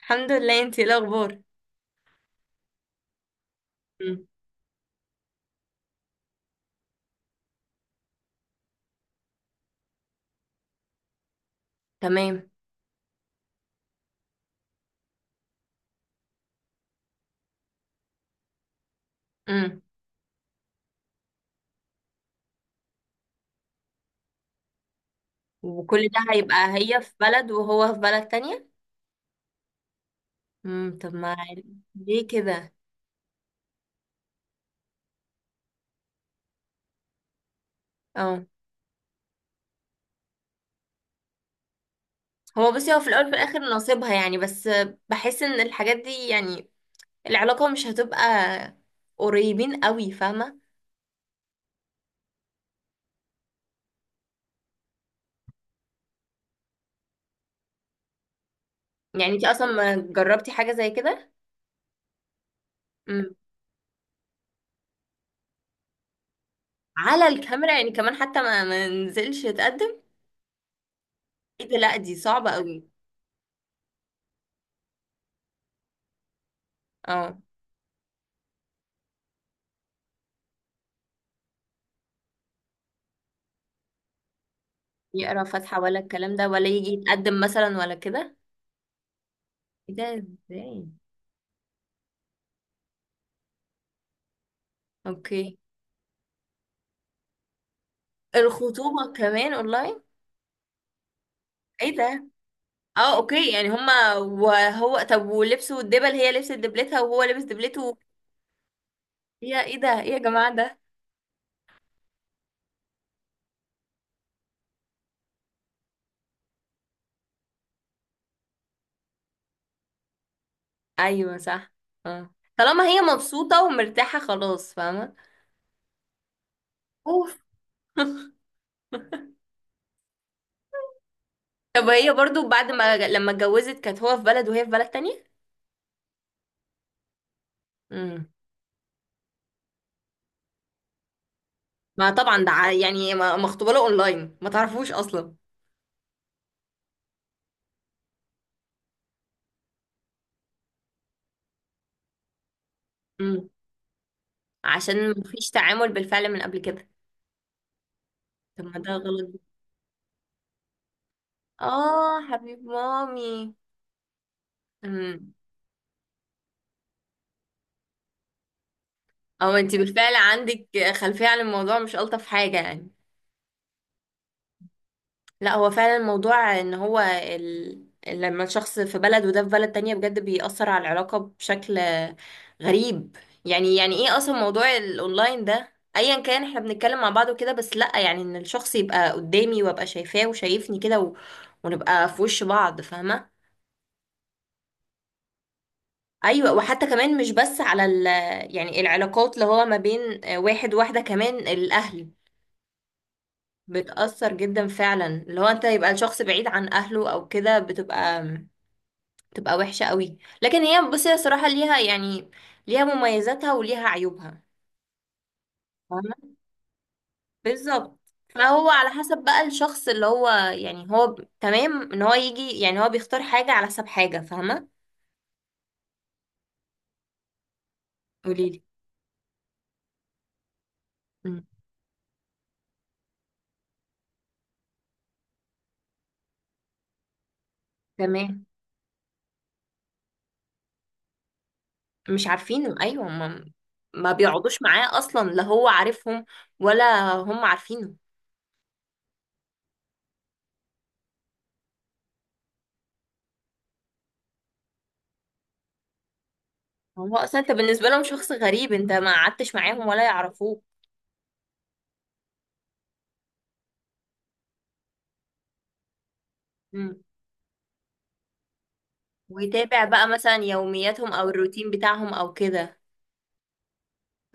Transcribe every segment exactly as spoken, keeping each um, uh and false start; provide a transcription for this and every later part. الحمد لله، انتي ايه الاخبار؟ مم. تمام. امم وكل ده هيبقى هي في بلد وهو في بلد تانية. امم طب ما. ليه كده؟ اه، هو بصي، هو في الاول وفي الاخر نصيبها يعني. بس بحس ان الحاجات دي يعني العلاقة مش هتبقى قريبين قوي، فاهمة؟ يعني انتي اصلا ما جربتي حاجة زي كده؟ امم. على الكاميرا؟ يعني كمان حتى ما ما نزلش يتقدم؟ ايه ده! لا دي صعبة قوي. اه. يقرا فاتحة ولا الكلام ده، ولا يجي يتقدم مثلا ولا كده؟ ايه ده؟ ازاي؟ اوكي. الخطوبة كمان اونلاين؟ ايه ده؟ اه، اوكي، يعني هما وهو طب ولبسوا الدبل، هي لبست دبلتها وهو لبس دبلته؟ يا ايه ده! ايه يا جماعة ده! ايوه صح. اه، طالما هي مبسوطة ومرتاحة خلاص، فاهمة؟ اوف. طب هي برضو بعد ما لما اتجوزت كانت هو في بلد وهي في بلد تانية؟ امم. ما طبعا ده ع- يعني ما- مخطوبة له اونلاين، ما تعرفوش اصلا. امم. عشان مفيش تعامل بالفعل من قبل كده. طب ما ده غلط. اه، حبيب مامي. امم. او انت بالفعل عندك خلفية عن الموضوع، مش ألطف حاجة يعني. لا، هو فعلا الموضوع ان هو ال... لما الشخص في بلد وده في بلد تانية بجد بيأثر على العلاقة بشكل غريب. يعني يعني ايه اصلا موضوع الاونلاين ده، ايا كان احنا بنتكلم مع بعض وكده، بس لا يعني ان الشخص يبقى قدامي وابقى شايفاه وشايفني كده، و... ونبقى في وش بعض، فاهمة؟ ايوه، وحتى كمان مش بس على ال يعني العلاقات اللي هو ما بين آه، واحد وواحده، كمان الاهل بتأثر جدا فعلا، اللي هو انت يبقى الشخص بعيد عن اهله او كده، بتبقى بتبقى وحشه قوي. لكن هي بصي، هي صراحه ليها يعني ليها مميزاتها وليها عيوبها. فاهمة؟ بالظبط. فهو على حسب بقى الشخص اللي هو، يعني هو ب- تمام ان هو يجي، يعني هو بيختار حاجه على حسب حاجه، فاهمه؟ قوليلي. مم. تمام. مش عارفين، ايوه، ما, ما بيقعدوش معاه اصلا، لا هو عارفهم ولا هم عارفينه. هو اصلا انت بالنسبه لهم شخص غريب، انت ما قعدتش معاهم ولا يعرفوك. مم. ويتابع بقى مثلا يومياتهم او الروتين بتاعهم او كده؟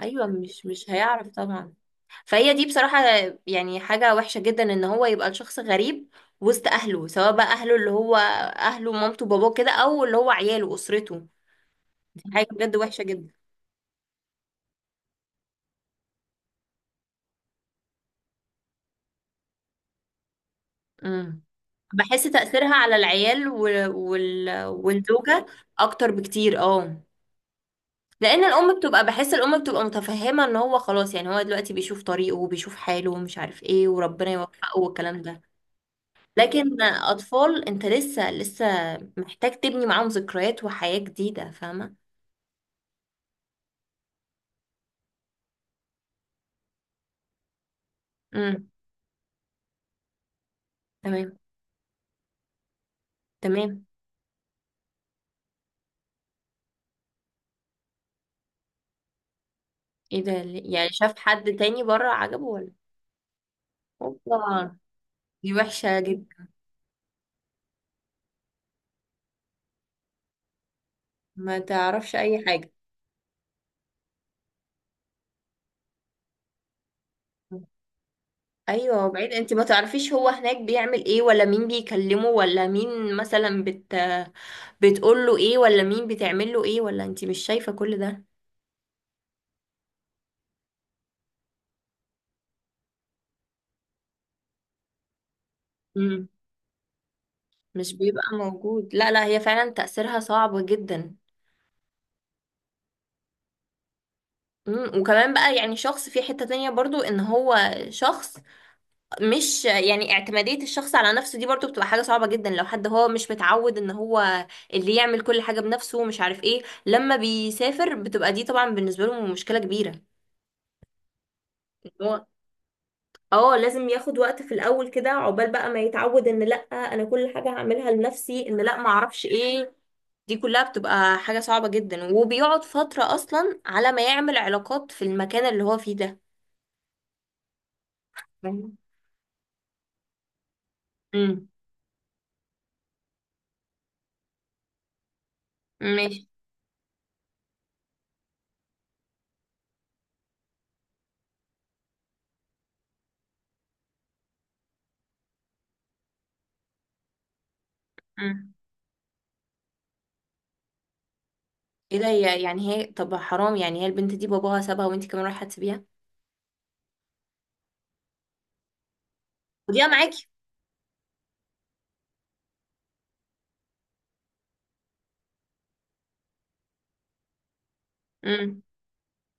ايوه، مش مش هيعرف طبعا. فهي دي بصراحه يعني حاجه وحشه جدا، ان هو يبقى الشخص غريب وسط اهله، سواء بقى اهله اللي هو اهله مامته باباه كده، او اللي هو عياله اسرته. دي حاجه بجد وحشه جدا. امم. بحس تأثيرها على العيال و- وال... والزوجة أكتر بكتير، اه. لأن الأم بتبقى بحس الأم بتبقى متفهمة إن هو خلاص، يعني هو دلوقتي بيشوف طريقه وبيشوف حاله ومش عارف إيه، وربنا يوفقه والكلام ده. لكن أطفال، أنت لسه لسه محتاج تبني معاهم ذكريات وحياة جديدة، فاهمة؟ امم. تمام. تمام. إيه ده؟ اللي- يعني شاف حد تاني بره عجبه ولا؟ هوبا. دي وحشة جدا. ما تعرفش أي حاجة. ايوه، وبعيد انت ما تعرفيش هو هناك بيعمل ايه، ولا مين بيكلمه، ولا مين مثلا بت بتقول له ايه، ولا مين بتعمل له ايه، ولا انت مش شايفة كل ده. امم. مش بيبقى موجود. لا، لا، هي فعلا تأثيرها صعب جدا. امم وكمان بقى، يعني شخص في حتة تانية برضو ان هو شخص، مش، يعني اعتمادية الشخص على نفسه دي برضو بتبقى حاجة صعبة جدا، لو حد هو مش متعود ان هو اللي يعمل كل حاجة بنفسه ومش عارف ايه، لما بيسافر بتبقى دي طبعا بالنسبة له مشكلة كبيرة. هو اه، لازم ياخد وقت في الاول كده عقبال بقى ما يتعود، ان لا انا كل حاجه هعملها لنفسي، ان لا ما اعرفش ايه. دي كلها بتبقى حاجه صعبه جدا، وبيقعد فتره اصلا على ما يعمل علاقات في المكان اللي هو فيه ده، فاهمة؟ امم. ماشي. امم. ايه ده؟ هي، يعني هي طب حرام، يعني هي البنت دي باباها سابها وانت كمان رايحه تسيبيها. خديها معاكي. امم.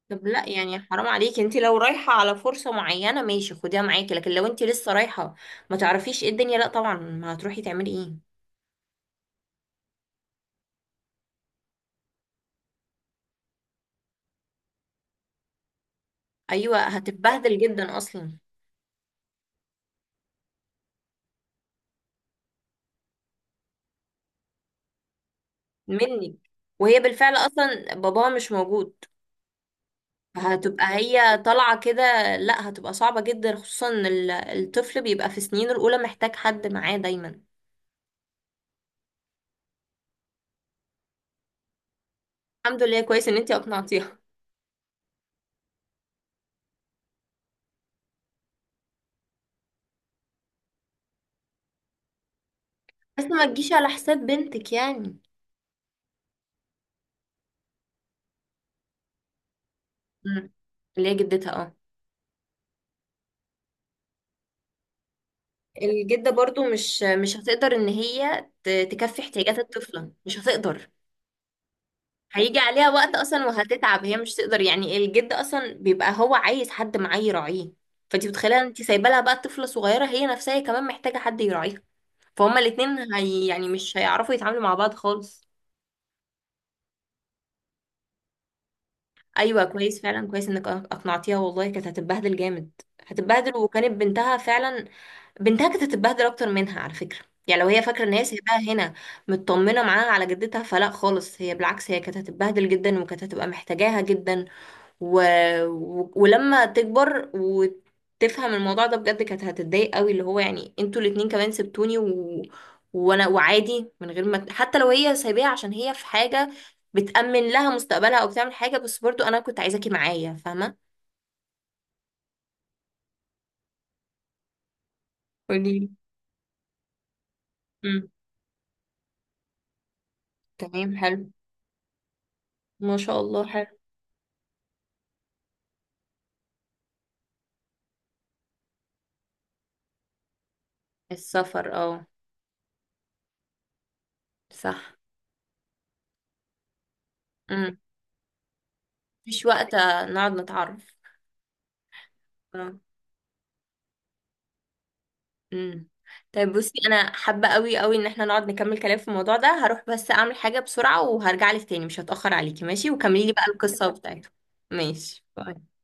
طب لا، يعني حرام عليكي، انت لو رايحه على فرصه معينه ماشي، خديها معاكي، لكن لو انت لسه رايحه ما تعرفيش ايه الدنيا، لا طبعا، ما هتروحي تعملي ايه؟ ايوه، هتتبهدل جدا اصلا. منك. وهي بالفعل اصلا باباها مش موجود. هتبقى هي طالعه كده. لا، هتبقى صعبه جدا خصوصا ان ال- الطفل بيبقى في سنينه الاولى محتاج حد معاه دايما. الحمد لله، كويس ان انتي اقنعتيها. بس ما تجيش على حساب بنتك يعني. مم. اللي هي جدتها، اه. الجده برضو مش مش هتقدر ان هي ت- تكفي احتياجات الطفله، مش هتقدر. هيجي عليها وقت اصلا وهتتعب، هي مش تقدر يعني، الجد اصلا بيبقى هو عايز حد معاه يراعيه. فانت متخيله، انت سايبه لها بقى طفله صغيره، هي نفسها كمان محتاجه حد يراعيها. فهما الاتنين، هي يعني مش هيعرفوا يتعاملوا مع بعض خالص. ايوه، كويس فعلا، كويس انك اقنعتيها، والله كانت هتتبهدل جامد. هتتبهدل، وكانت بنتها فعلا بنتها كانت هتتبهدل اكتر منها على فكره. يعني لو هي فاكره ان هي سايباها هنا مطمنه معاها على جدتها، فلا خالص، هي بالعكس هي كانت هتتبهدل جدا وكانت هتبقى محتاجاها جدا، و... و... ولما تكبر وتفهم الموضوع ده بجد كانت هتتضايق قوي، اللي هو يعني انتوا الاتنين كمان سبتوني، و... وانا، وعادي من غير ما، حتى لو هي سايباها عشان هي في حاجة بتأمن لها مستقبلها او بتعمل حاجة، بس برضو انا كنت عايزاكي معايا، فاهمة؟ قوليلي. امم. تمام، حلو. ما شاء الله، حلو. السفر، اه. صح. امم. مفيش وقت آه، نقعد نتعرف. آه. امم. طيب بصي، انا حابه قوي قوي ان احنا نقعد نكمل كلام في الموضوع ده، هروح بس اعمل حاجه بسرعه وهرجع لك تاني، مش هتاخر عليكي ماشي، وكملي لي بقى القصه بتاعته. ماشي، باي.